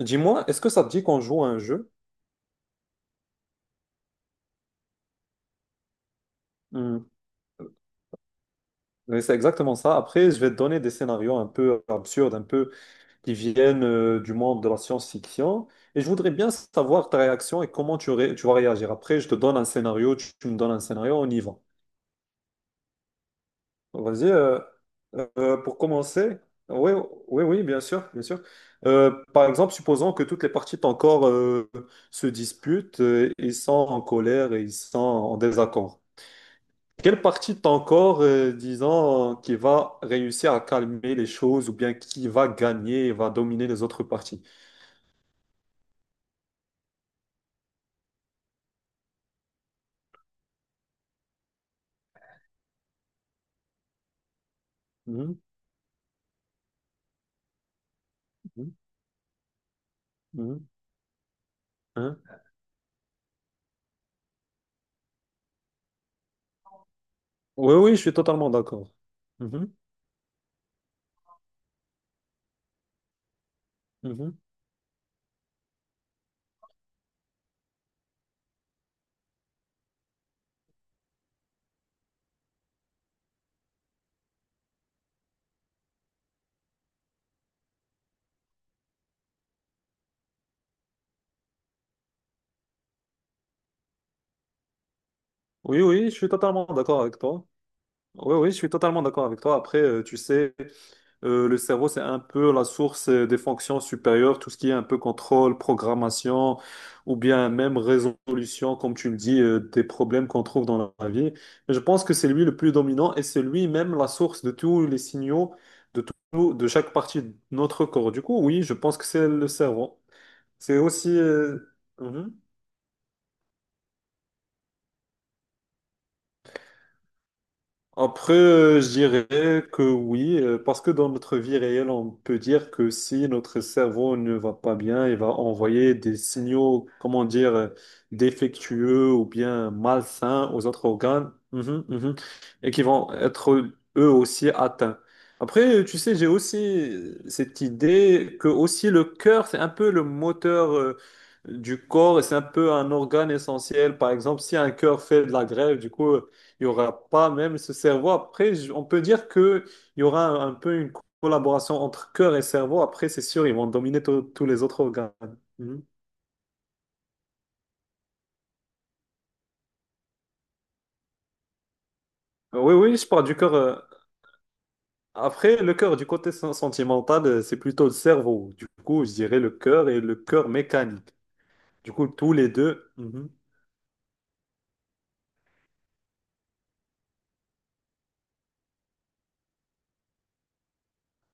Dis-moi, est-ce que ça te dit qu'on joue à un jeu? Hmm. Oui, c'est exactement ça. Après, je vais te donner des scénarios un peu absurdes, un peu qui viennent du monde de la science-fiction. Et je voudrais bien savoir ta réaction et comment tu vas réagir. Après, je te donne un scénario, tu me donnes un scénario, on y va. Vas-y, pour commencer. Oui, oui, oui, bien sûr, bien sûr. Par exemple, supposons que toutes les parties de ton corps se disputent, ils sont en colère et ils sont en désaccord. Quelle partie de ton corps, disons, qui va réussir à calmer les choses ou bien qui va gagner et va dominer les autres parties? Mhm. mhm, mhm, hein. Oui, oui, je suis totalement d'accord. Mhm, mhm. Oui, oui, je suis totalement d'accord avec toi. Oui, oui, je suis totalement d'accord avec toi. Après, tu sais, le cerveau, c'est un peu la source des fonctions supérieures, tout ce qui est un peu contrôle, programmation, ou bien même résolution, comme tu le dis, des problèmes qu'on trouve dans la vie. Mais je pense que c'est lui le plus dominant et c'est lui-même la source de tous les signaux de tout, de chaque partie de notre corps. Du coup, oui, je pense que c'est le cerveau. C'est aussi... mhm. Après, je dirais que oui, parce que dans notre vie réelle, on peut dire que si notre cerveau ne va pas bien, il va envoyer des signaux, comment dire, défectueux ou bien malsains aux autres organes, mhm, mhm, et qui vont être eux aussi atteints. Après, tu sais, j'ai aussi cette idée que aussi le cœur, c'est un peu le moteur, du corps et c'est un peu un organe essentiel. Par exemple, si un cœur fait de la grève, du coup, il y aura pas même ce cerveau. Après, on peut dire que il y aura un peu une collaboration entre cœur et cerveau. Après, c'est sûr, ils vont dominer tous les autres organes. Mhm. Oui, oui, je parle du cœur. Après, le cœur du côté sentimental, c'est plutôt le cerveau. Du coup, je dirais le cœur et le cœur mécanique. Du coup, tous les deux. Mhm.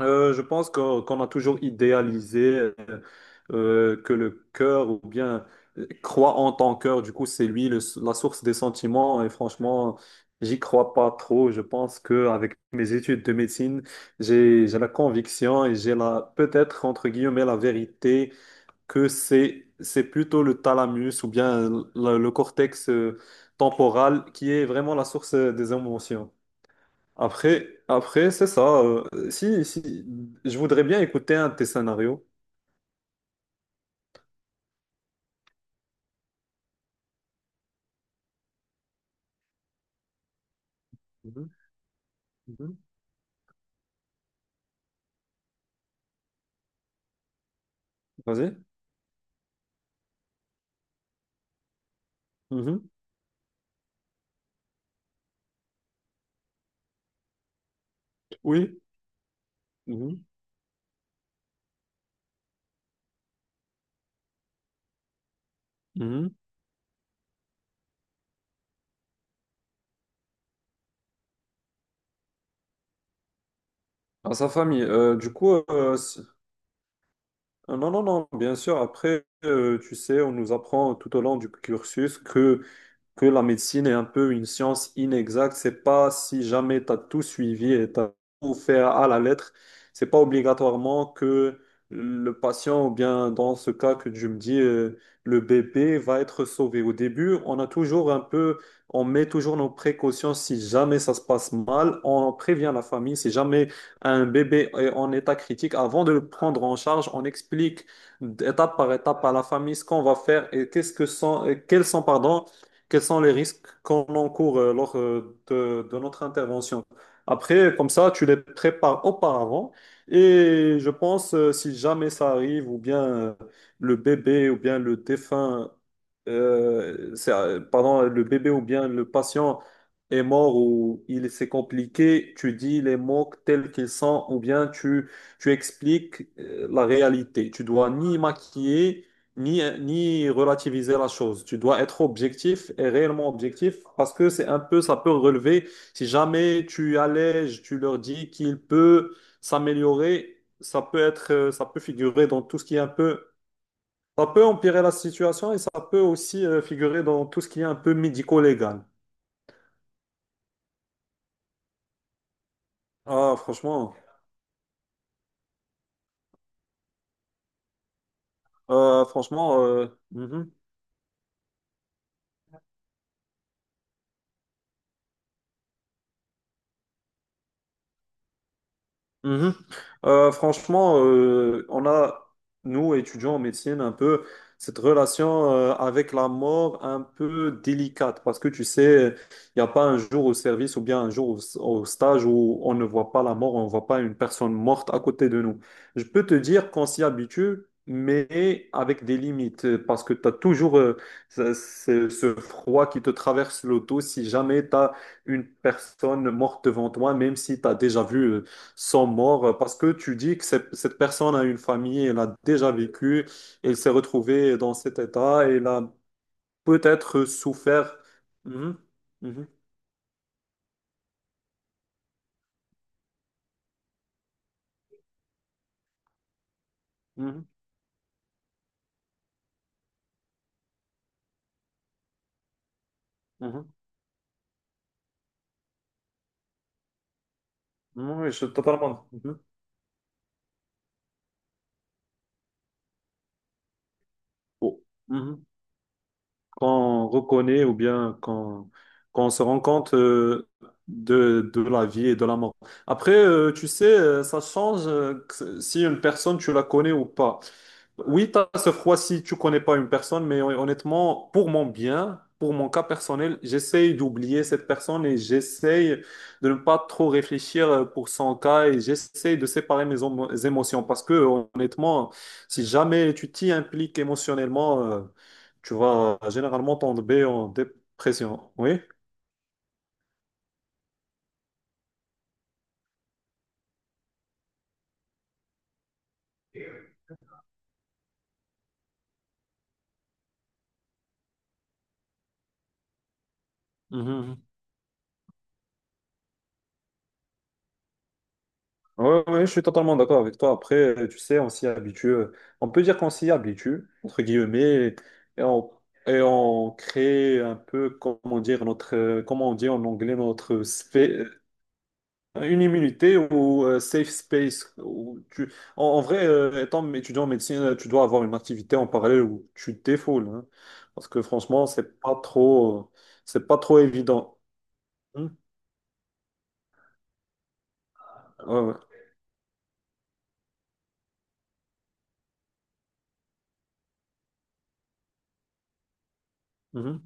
Je pense qu'on a toujours idéalisé. Que le cœur ou bien crois en ton cœur. Du coup, c'est la source des sentiments. Et franchement, j'y crois pas trop. Je pense que avec mes études de médecine, j'ai la conviction et j'ai la peut-être entre guillemets la vérité que c'est plutôt le thalamus ou bien le cortex temporal qui est vraiment la source des émotions. Après, c'est ça. Si, je voudrais bien écouter un de tes scénarios. Mhm, mhm. Vas-y. Mhm. Oui. Mhm. Mhm. Dans sa famille. Non, non, non, bien sûr. Après, tu sais, on nous apprend tout au long du cursus que la médecine est un peu une science inexacte. C'est pas si jamais tu as tout suivi et tu as tout fait à la lettre, c'est pas obligatoirement que le patient, ou bien dans ce cas que tu me dis, le bébé va être sauvé. Au début, on a toujours un peu, on met toujours nos précautions si jamais ça se passe mal, on prévient la famille, si jamais un bébé est en état critique, avant de le prendre en charge, on explique d'étape par étape à la famille ce qu'on va faire et qu'est-ce que sont, et quels sont, pardon, quels sont les risques qu'on encourt lors de notre intervention. Après, comme ça, tu les prépares auparavant et je pense, si jamais ça arrive, ou bien le bébé, ou bien le défunt, pardon, le bébé ou bien le patient est mort ou il s'est compliqué, tu dis les mots tels qu'ils sont, ou bien tu expliques la réalité. Tu dois ni maquiller, ni relativiser la chose. Tu dois être objectif et réellement objectif parce que c'est un peu, ça peut relever. Si jamais tu allèges, tu leur dis qu'il peut s'améliorer, ça peut être, ça peut figurer dans tout ce qui est un peu, ça peut empirer la situation et ça peut aussi figurer dans tout ce qui est un peu médico-légal. Ah, franchement, euh, franchement, euh, mhm. Mhm. On a, nous, étudiants en médecine, un peu cette relation avec la mort un peu délicate parce que tu sais, il n'y a pas un jour au service ou bien un jour au stage où on ne voit pas la mort, on ne voit pas une personne morte à côté de nous. Je peux te dire qu'on s'y habitue, mais avec des limites parce que tu as toujours ce, ce froid qui te traverse l'auto si jamais tu as une personne morte devant toi, même si tu as déjà vu. Sont morts parce que tu dis que cette personne a une famille, elle a déjà vécu, elle s'est retrouvée dans cet état, elle a peut-être souffert. Mhm. mhm, mhm, mhm. Oui, je suis totalement. Mhm. Oh, mhm. Quand on reconnaît ou bien quand on se rend compte de la vie et de la mort. Après, tu sais, ça change si une personne, tu la connais ou pas. Oui, tu as ce froid si tu connais pas une personne, mais honnêtement, pour mon bien, pour mon cas personnel, j'essaye d'oublier cette personne et j'essaye de ne pas trop réfléchir pour son cas et j'essaye de séparer mes émotions parce que honnêtement, si jamais tu t'y impliques émotionnellement, tu vas généralement tomber en dépression. Oui? Ouais, ouais, je suis totalement d'accord avec toi. Après, tu sais, on s'y habitue. On peut dire qu'on s'y habitue, entre guillemets, et on, et on crée un peu, comment dire, notre, comment on dit en anglais, une immunité ou safe space. Où en vrai, étant étudiant en médecine, tu dois avoir une activité en parallèle où tu te défoules, hein. Parce que franchement, c'est pas trop évident. Hmm. Ouais, ouais.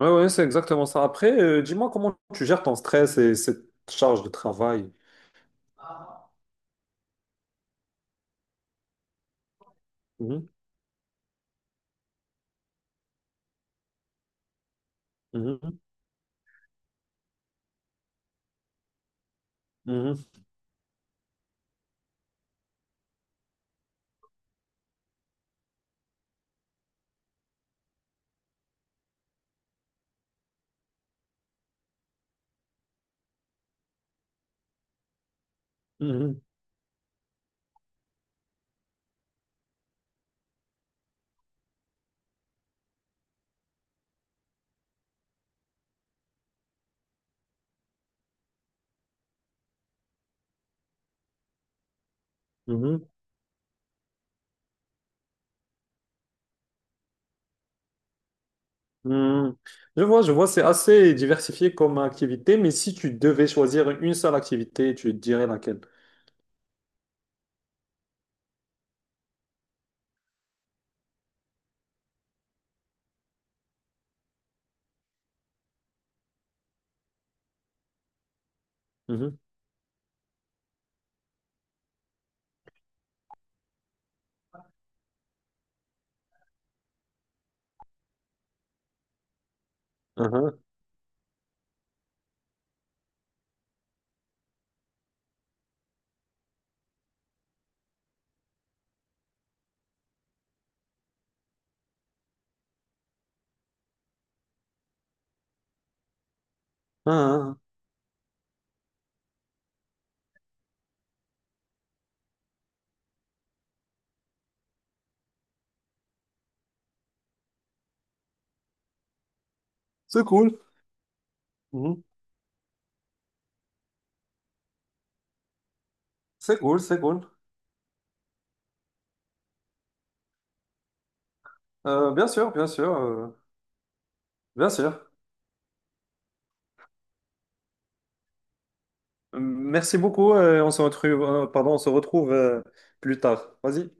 Ouais, ouais, c'est exactement ça. Après, dis-moi comment tu gères ton stress et cette charge de travail. Mhm. mhm, mhm, mhm, mhm, mhm. Je vois, c'est assez diversifié comme activité, mais si tu devais choisir une seule activité, tu dirais laquelle? Mhm, mhm, mhm. C'est cool. Mhm. C'est cool, c'est cool. Euh, bien sûr, bien sûr, euh, bien sûr. Merci beaucoup. On se retrouve, pardon, on se retrouve plus tard. Vas-y.